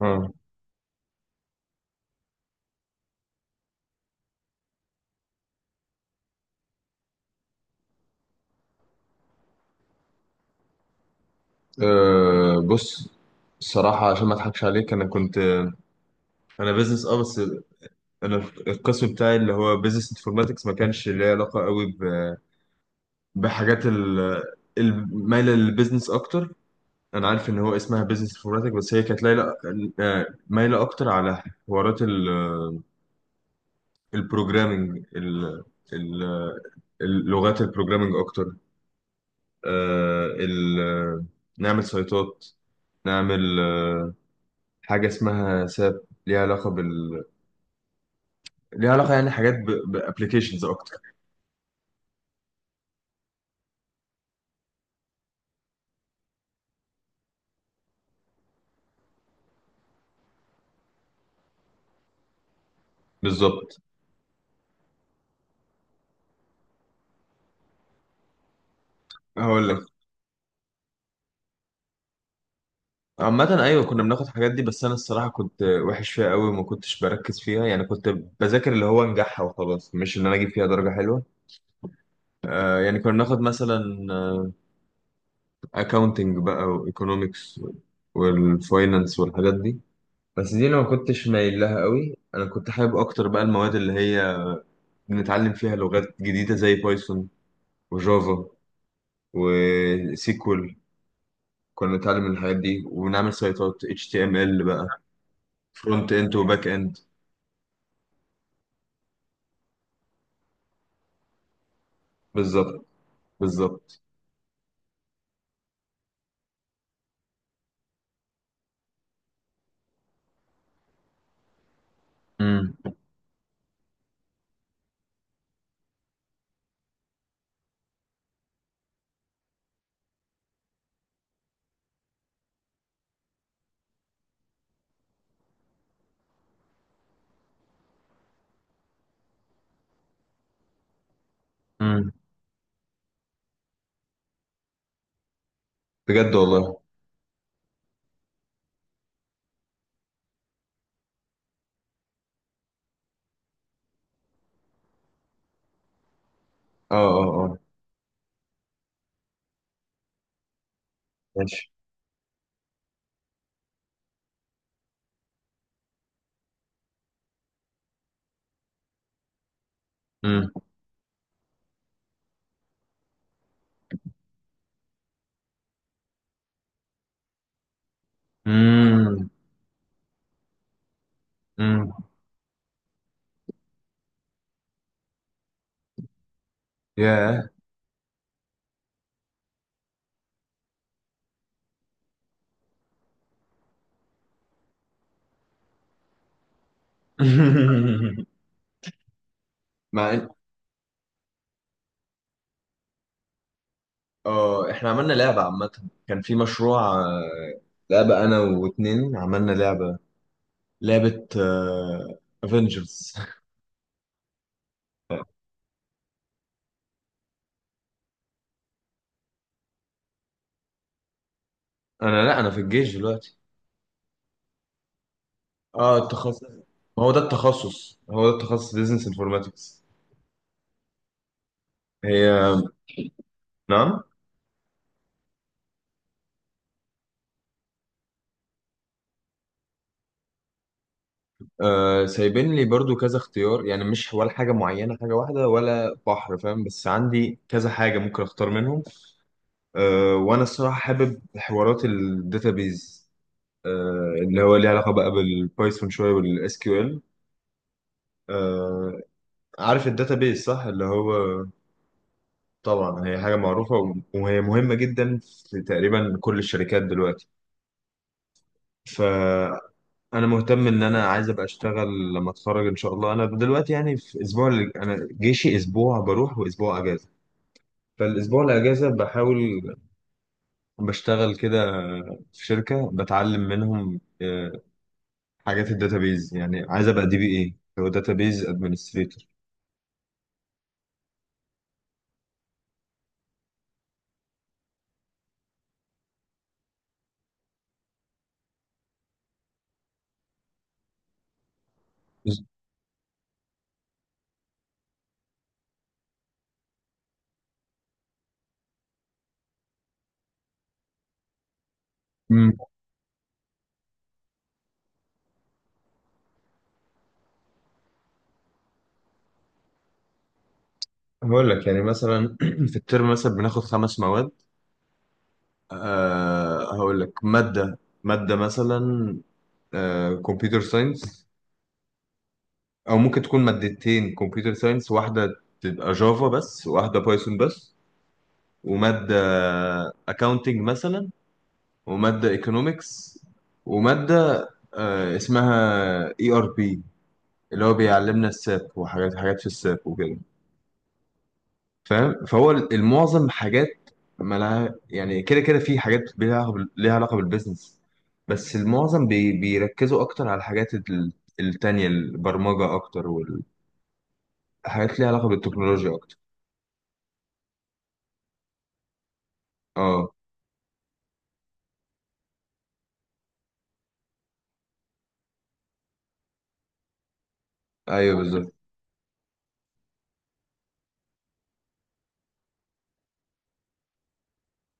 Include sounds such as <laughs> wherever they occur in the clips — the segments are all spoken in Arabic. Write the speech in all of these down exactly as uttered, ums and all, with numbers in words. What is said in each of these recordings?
مم. أه بص، الصراحة عشان ما اضحكش عليك، انا كنت انا بيزنس اه بس. انا القسم بتاعي اللي هو بيزنس انفورماتكس ما كانش ليه علاقة قوي ب- بحاجات ال- المايلة للبيزنس اكتر. انا عارف ان هو اسمها بيزنس انفورماتكس، بس هي كانت لايلة، آه، مايلة اكتر على حوارات البروجرامينج، اللغات البروجرامينج اكتر. أه ال- نعمل سايتات، نعمل آه، حاجة اسمها ساب، ليها علاقة بال ليها علاقة يعني حاجات بابلكيشنز اكتر. بالظبط. هقول لك، عامة ايوه كنا بناخد الحاجات دي، بس انا الصراحة كنت وحش فيها قوي وما كنتش بركز فيها، يعني كنت بذاكر اللي هو انجحها وخلاص، مش ان انا اجيب فيها درجة حلوة. آه يعني كنا بناخد مثلا اكاونتنج بقى، وايكونومكس، والفاينانس، والحاجات دي. بس دي انا ما كنتش مايل لها قوي، انا كنت حابب اكتر بقى المواد اللي هي بنتعلم فيها لغات جديدة زي بايثون، وجافا، وسيكول. كنا بنتعلم من الحاجات دي، ونعمل سيطات اتش تي ام ال بقى، فرونت اند وباك اند. بالظبط، بالظبط. امم. امم. بجد والله. اه، اه، اه. ماشي. امم. امم. امم. ياه. <laughs> مع ان، اه احنا عملنا لعبة. عامة كان في مشروع، آه، لعبة، انا واتنين عملنا لعبة، لعبة افنجرز. <laughs> انا لا انا في الجيش دلوقتي. اه، التخصص، ما هو ده التخصص، هو ده التخصص بيزنس انفورماتكس. هي. نعم. آه، سايبين لي برضو كذا اختيار، يعني مش ولا حاجة معينة، حاجة واحدة ولا بحر، فاهم؟ بس عندي كذا حاجة ممكن اختار منهم. آه، وانا الصراحة حابب حوارات الداتابيز، آه، اللي هو ليه علاقة بقى بالبايثون شوية والاس كيو ال. آه، عارف الداتابيز صح؟ اللي هو طبعا هي حاجة معروفة، وهي مهمة جدا في تقريبا كل الشركات دلوقتي. ف انا مهتم ان انا عايز ابقى اشتغل لما اتخرج ان شاء الله. انا دلوقتي يعني في اسبوع، ال- انا جيشي اسبوع بروح واسبوع اجازه، فالاسبوع الاجازه بحاول بشتغل كده في شركه بتعلم منهم آه، حاجات الداتابيز، يعني عايز ابقى دي بي اي، هو داتابيز ادمنستريتور. مم. هقول لك، يعني مثلا <clears throat> في الترم مثلا بناخد خمس مواد. أه هقول لك ماده، ماده مثلا كمبيوتر ساينس، او ممكن تكون مادتين كمبيوتر ساينس، واحده تبقى جافا بس، واحده بايثون بس، وماده اكاونتنج مثلا، وماده ايكونومكس، وماده آه، اسمها اي ار بي، اللي هو بيعلمنا الساب وحاجات، حاجات في الساب وكده، فاهم؟ فهو المعظم حاجات مالها يعني، كده كده في حاجات ليها علاقه بال- ليها علاقة بالبيزنس. بس المعظم بي بيركزوا اكتر على الحاجات، ال- التانية، البرمجه اكتر، والحاجات ليها علاقه بالتكنولوجيا اكتر. اه، ايوه بالظبط.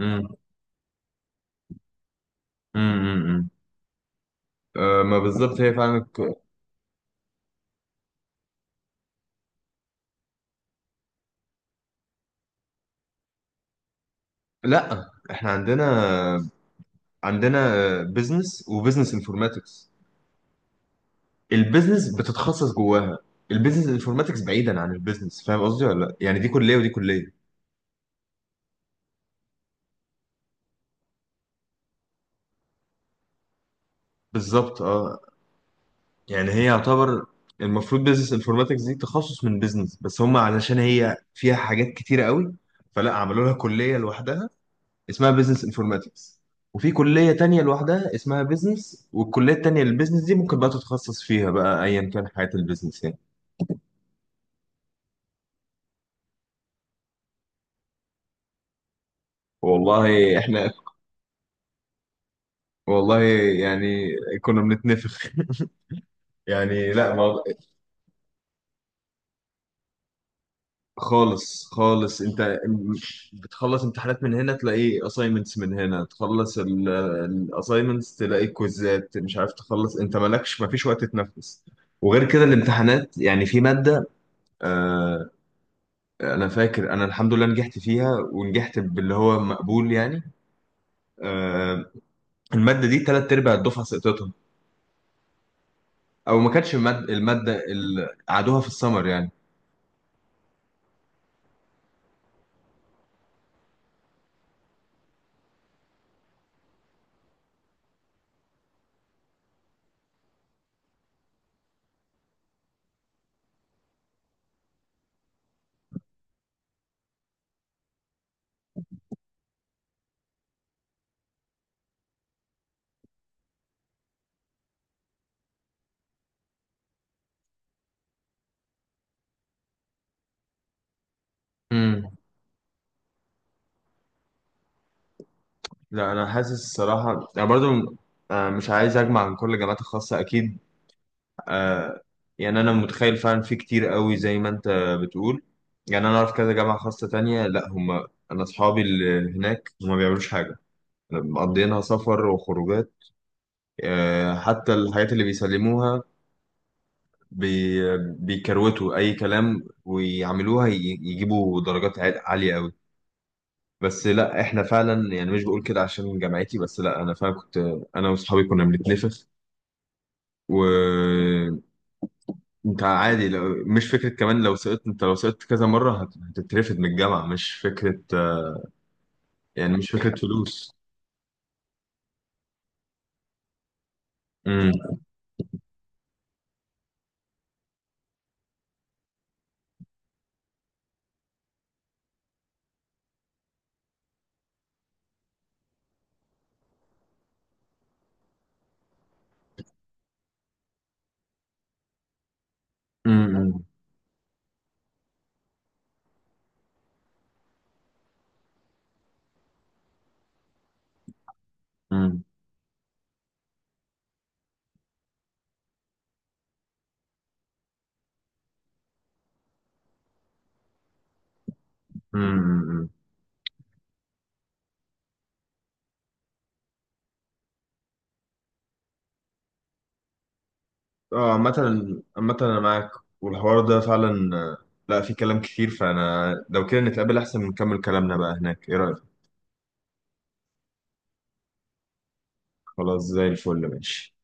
امم. امم. امم. أه ما بالظبط، هي فعلا ك... لا، احنا عندنا، عندنا بزنس وبزنس انفورماتكس. البيزنس بتتخصص جواها، البيزنس انفورماتكس بعيدا عن البيزنس، فاهم قصدي ولا لا؟ يعني دي كليه ودي كليه. بالظبط، اه، يعني هي يعتبر، المفروض بيزنس انفورماتكس دي تخصص من بيزنس، بس هم علشان هي فيها حاجات كتيره قوي فلا عملوا لها كليه لوحدها اسمها بيزنس انفورماتكس، وفي كلية تانية لوحدها اسمها بيزنس، والكلية التانية للبيزنس دي ممكن بقى تتخصص فيها بقى ايا كان حياة البيزنس يعني. والله احنا، والله يعني كنا بنتنفخ. <laughs> يعني لا ما خالص خالص، انت بتخلص امتحانات من هنا، تلاقي assignments من هنا، تخلص ال ال- assignments، تلاقي كويزات مش عارف تخلص، انت مالكش، ما فيش وقت تتنفس. وغير كده الامتحانات، يعني في مادة، آه، انا فاكر انا الحمد لله نجحت فيها، ونجحت باللي هو مقبول يعني. آه، الماده دي تلات ارباع الدفعه سقطتهم، او ما كانتش الماده، الماده اللي قعدوها في السمر يعني. امم. لا، انا حاسس الصراحه، انا برضو آه، مش عايز اجمع عن كل الجامعات الخاصه اكيد، آه، يعني انا متخيل فعلا في كتير قوي زي ما انت بتقول. يعني انا اعرف كذا جامعه خاصه تانية، لا هم، انا اصحابي اللي هناك هم ما بيعملوش حاجه، مقضيينها سفر وخروجات. آه، حتى الحاجات اللي بيسلموها، بي بيكروتوا اي كلام ويعملوها، ي- يجيبوا درجات عال- عاليه قوي. بس لا، احنا فعلا، يعني مش بقول كده عشان جامعتي بس، لا انا فعلا كنت، انا واصحابي كنا بنتنفخ. وانت عادي لو مش فكره، كمان لو سقطت انت، لو سقطت كذا مره هت- هتترفد من الجامعه، مش فكره، يعني مش فكره فلوس. امم. امم. امم. امم، امم. اه عامة، عامة انا معاك، والحوار ده فعلا، آه، لا في كلام كتير. فانا لو كده نتقابل احسن، نكمل كلامنا بقى هناك، ايه رأيك؟ خلاص زي الفل، ماشي.